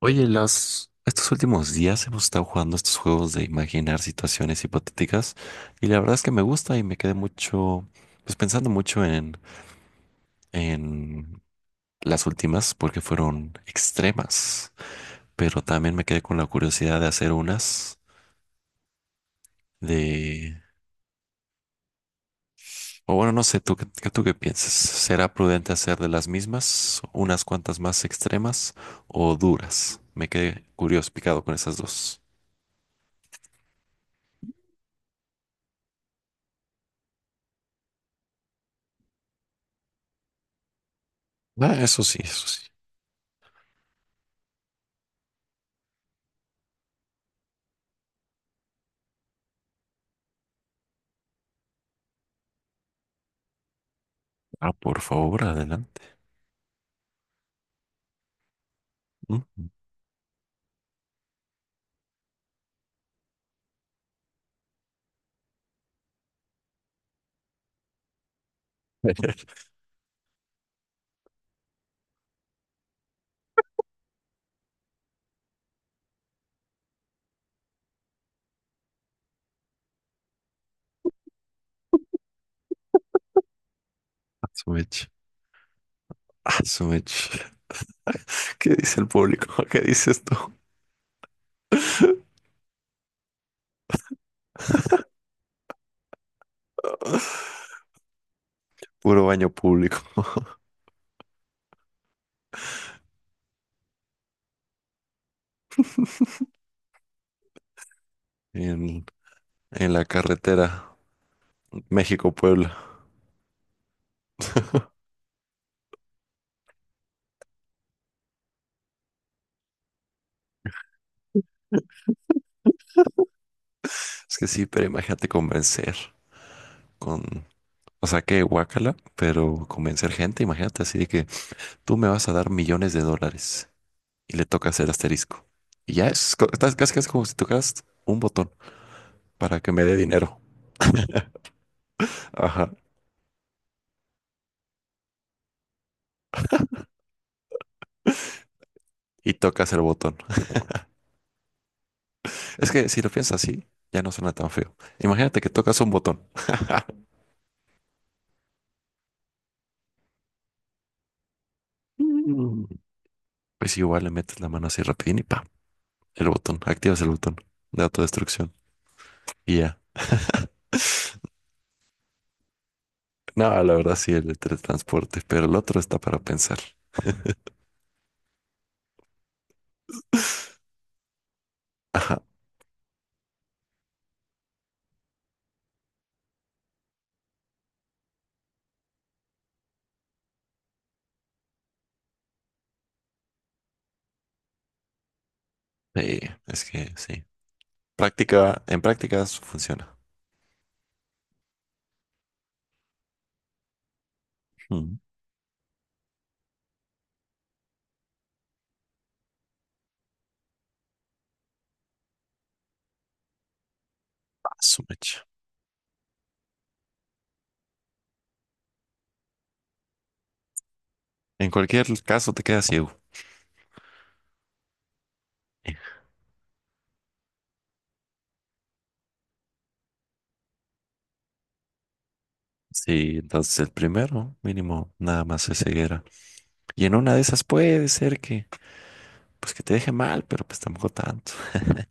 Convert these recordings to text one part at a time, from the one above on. Oye, estos últimos días hemos estado jugando estos juegos de imaginar situaciones hipotéticas, y la verdad es que me gusta y me quedé mucho, pues pensando mucho en las últimas porque fueron extremas, pero también me quedé con la curiosidad de hacer unas de, o bueno, no sé, ¿tú, tú qué piensas? ¿Será prudente hacer de las mismas unas cuantas más extremas o duras? Me quedé curioso, picado con esas dos. Ah, eso sí, eso sí. Ah, por favor, adelante. Mm. Asumech, asumech. ¿Qué dice el público? ¿Qué dices tú? Puro baño público en, en la carretera México-Puebla. Es que sí, pero imagínate convencer con, o sea, que guácala, pero convencer gente, imagínate así de que tú me vas a dar millones de dólares y le tocas el asterisco. Y ya es, estás casi, casi como si tocas un botón para que me dé dinero. Ajá. Y tocas el botón. Es que si lo piensas así, ya no suena tan feo. Imagínate que tocas un botón. Mm. Pues igual le metes la mano así rapidín y pa, el botón, activas el botón de autodestrucción y ya. No, la verdad sí, el de teletransporte, pero el otro está para pensar. Ajá. Sí, es que sí. Práctica, en prácticas funciona. Mm. Ah, su mecha. En cualquier caso te quedas ciego. Sí, entonces el primero, mínimo, nada más es ceguera. Y en una de esas puede ser que pues que te deje mal, pero pues tampoco tanto.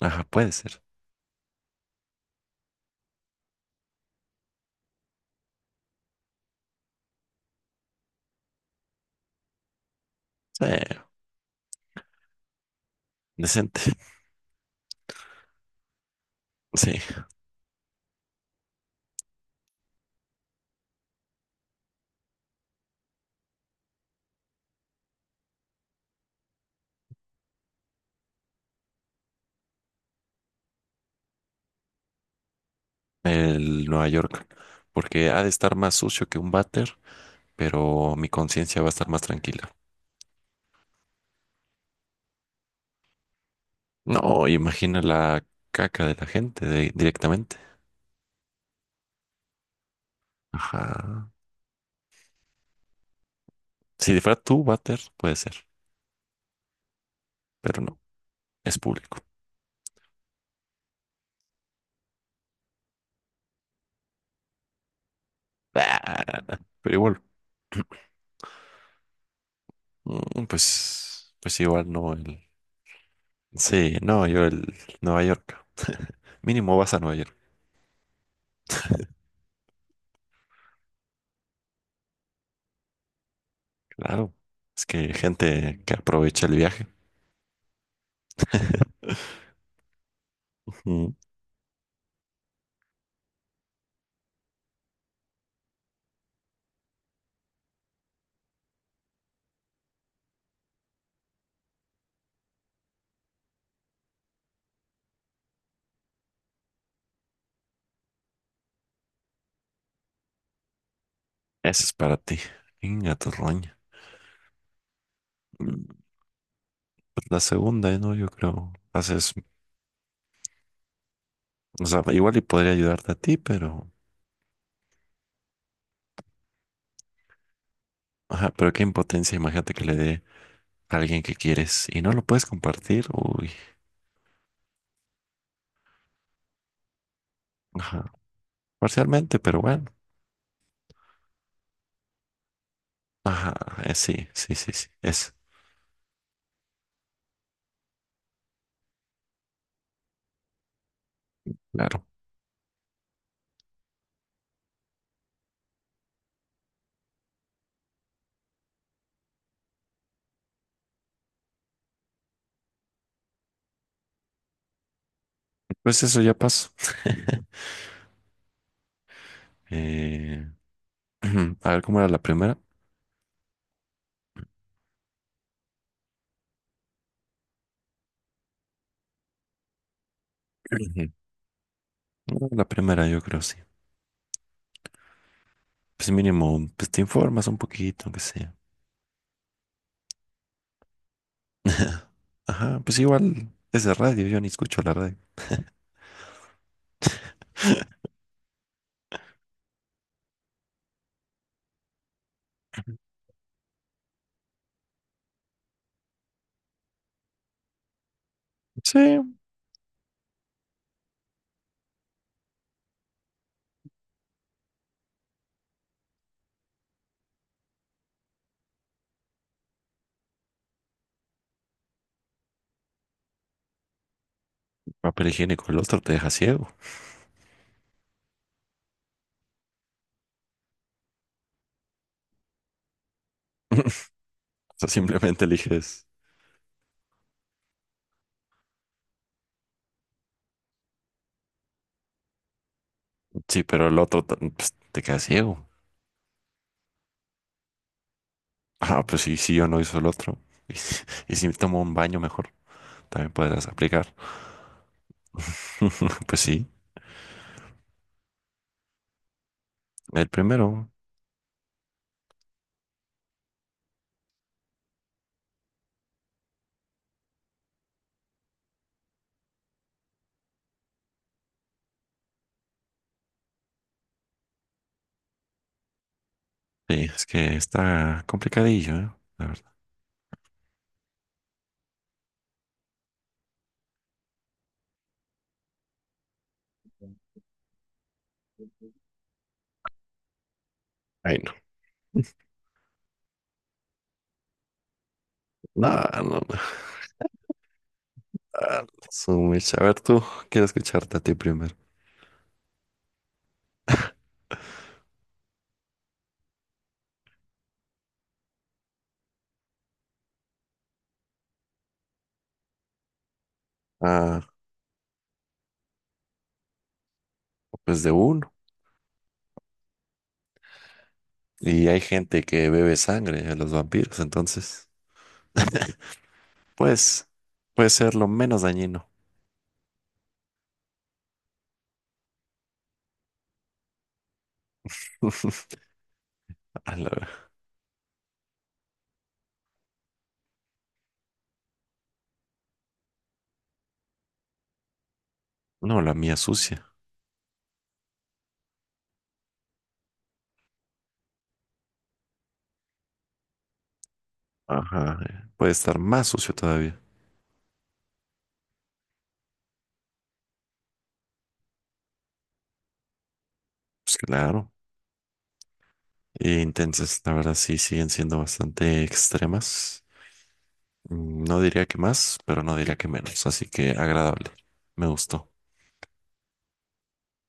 Ajá, puede ser. Sí, decente. Sí, el Nueva York. Porque ha de estar más sucio que un váter, pero mi conciencia va a estar más tranquila. No, imagina la caca de la gente directamente. Ajá. Si fuera tu váter, puede ser, pero no, es público. Ah, pero igual, mm, pues igual no el. Sí, no, yo el Nueva York. Mínimo vas a Nueva York. Claro, es que hay gente que aprovecha el viaje. Mm, esa es para ti. Inga tu roña. Mm, pues la segunda, ¿eh? ¿No? Yo creo. Haces, o sea, igual y podría ayudarte a ti, ajá, pero qué impotencia, imagínate que le dé a alguien que quieres y no lo puedes compartir. Uy, ajá, parcialmente, pero bueno. Ajá, sí, sí, sí, sí, claro. Pues eso ya pasó. Eh, a ver cómo era la primera. Ujú. No, la primera, yo creo, sí. Pues mínimo, pues te informas un poquito, aunque sea. Ajá, pues igual es de radio, yo ni escucho la radio. Sí, papel higiénico, el otro te deja ciego. O sea, simplemente eliges, sí, pero el otro pues, te queda ciego. Ah, pues sí, si yo no hizo el otro. Y, si y si me tomo un baño mejor, también podrás aplicar. Pues sí, el primero, sí, es que está complicadillo, ¿eh? La verdad. Ay, no. No, no, no. Ah, su mecha. A ver, tú quiero escucharte a ti primero. Ah, pues de uno. Y hay gente que bebe sangre de los vampiros, entonces, pues, puede ser lo menos dañino. A la- no, la mía sucia. Ajá, puede estar más sucio todavía. Pues claro. E intensas, la verdad, sí, siguen siendo bastante extremas. Mm, no diría que más, pero no diría que menos, así que agradable. Me gustó.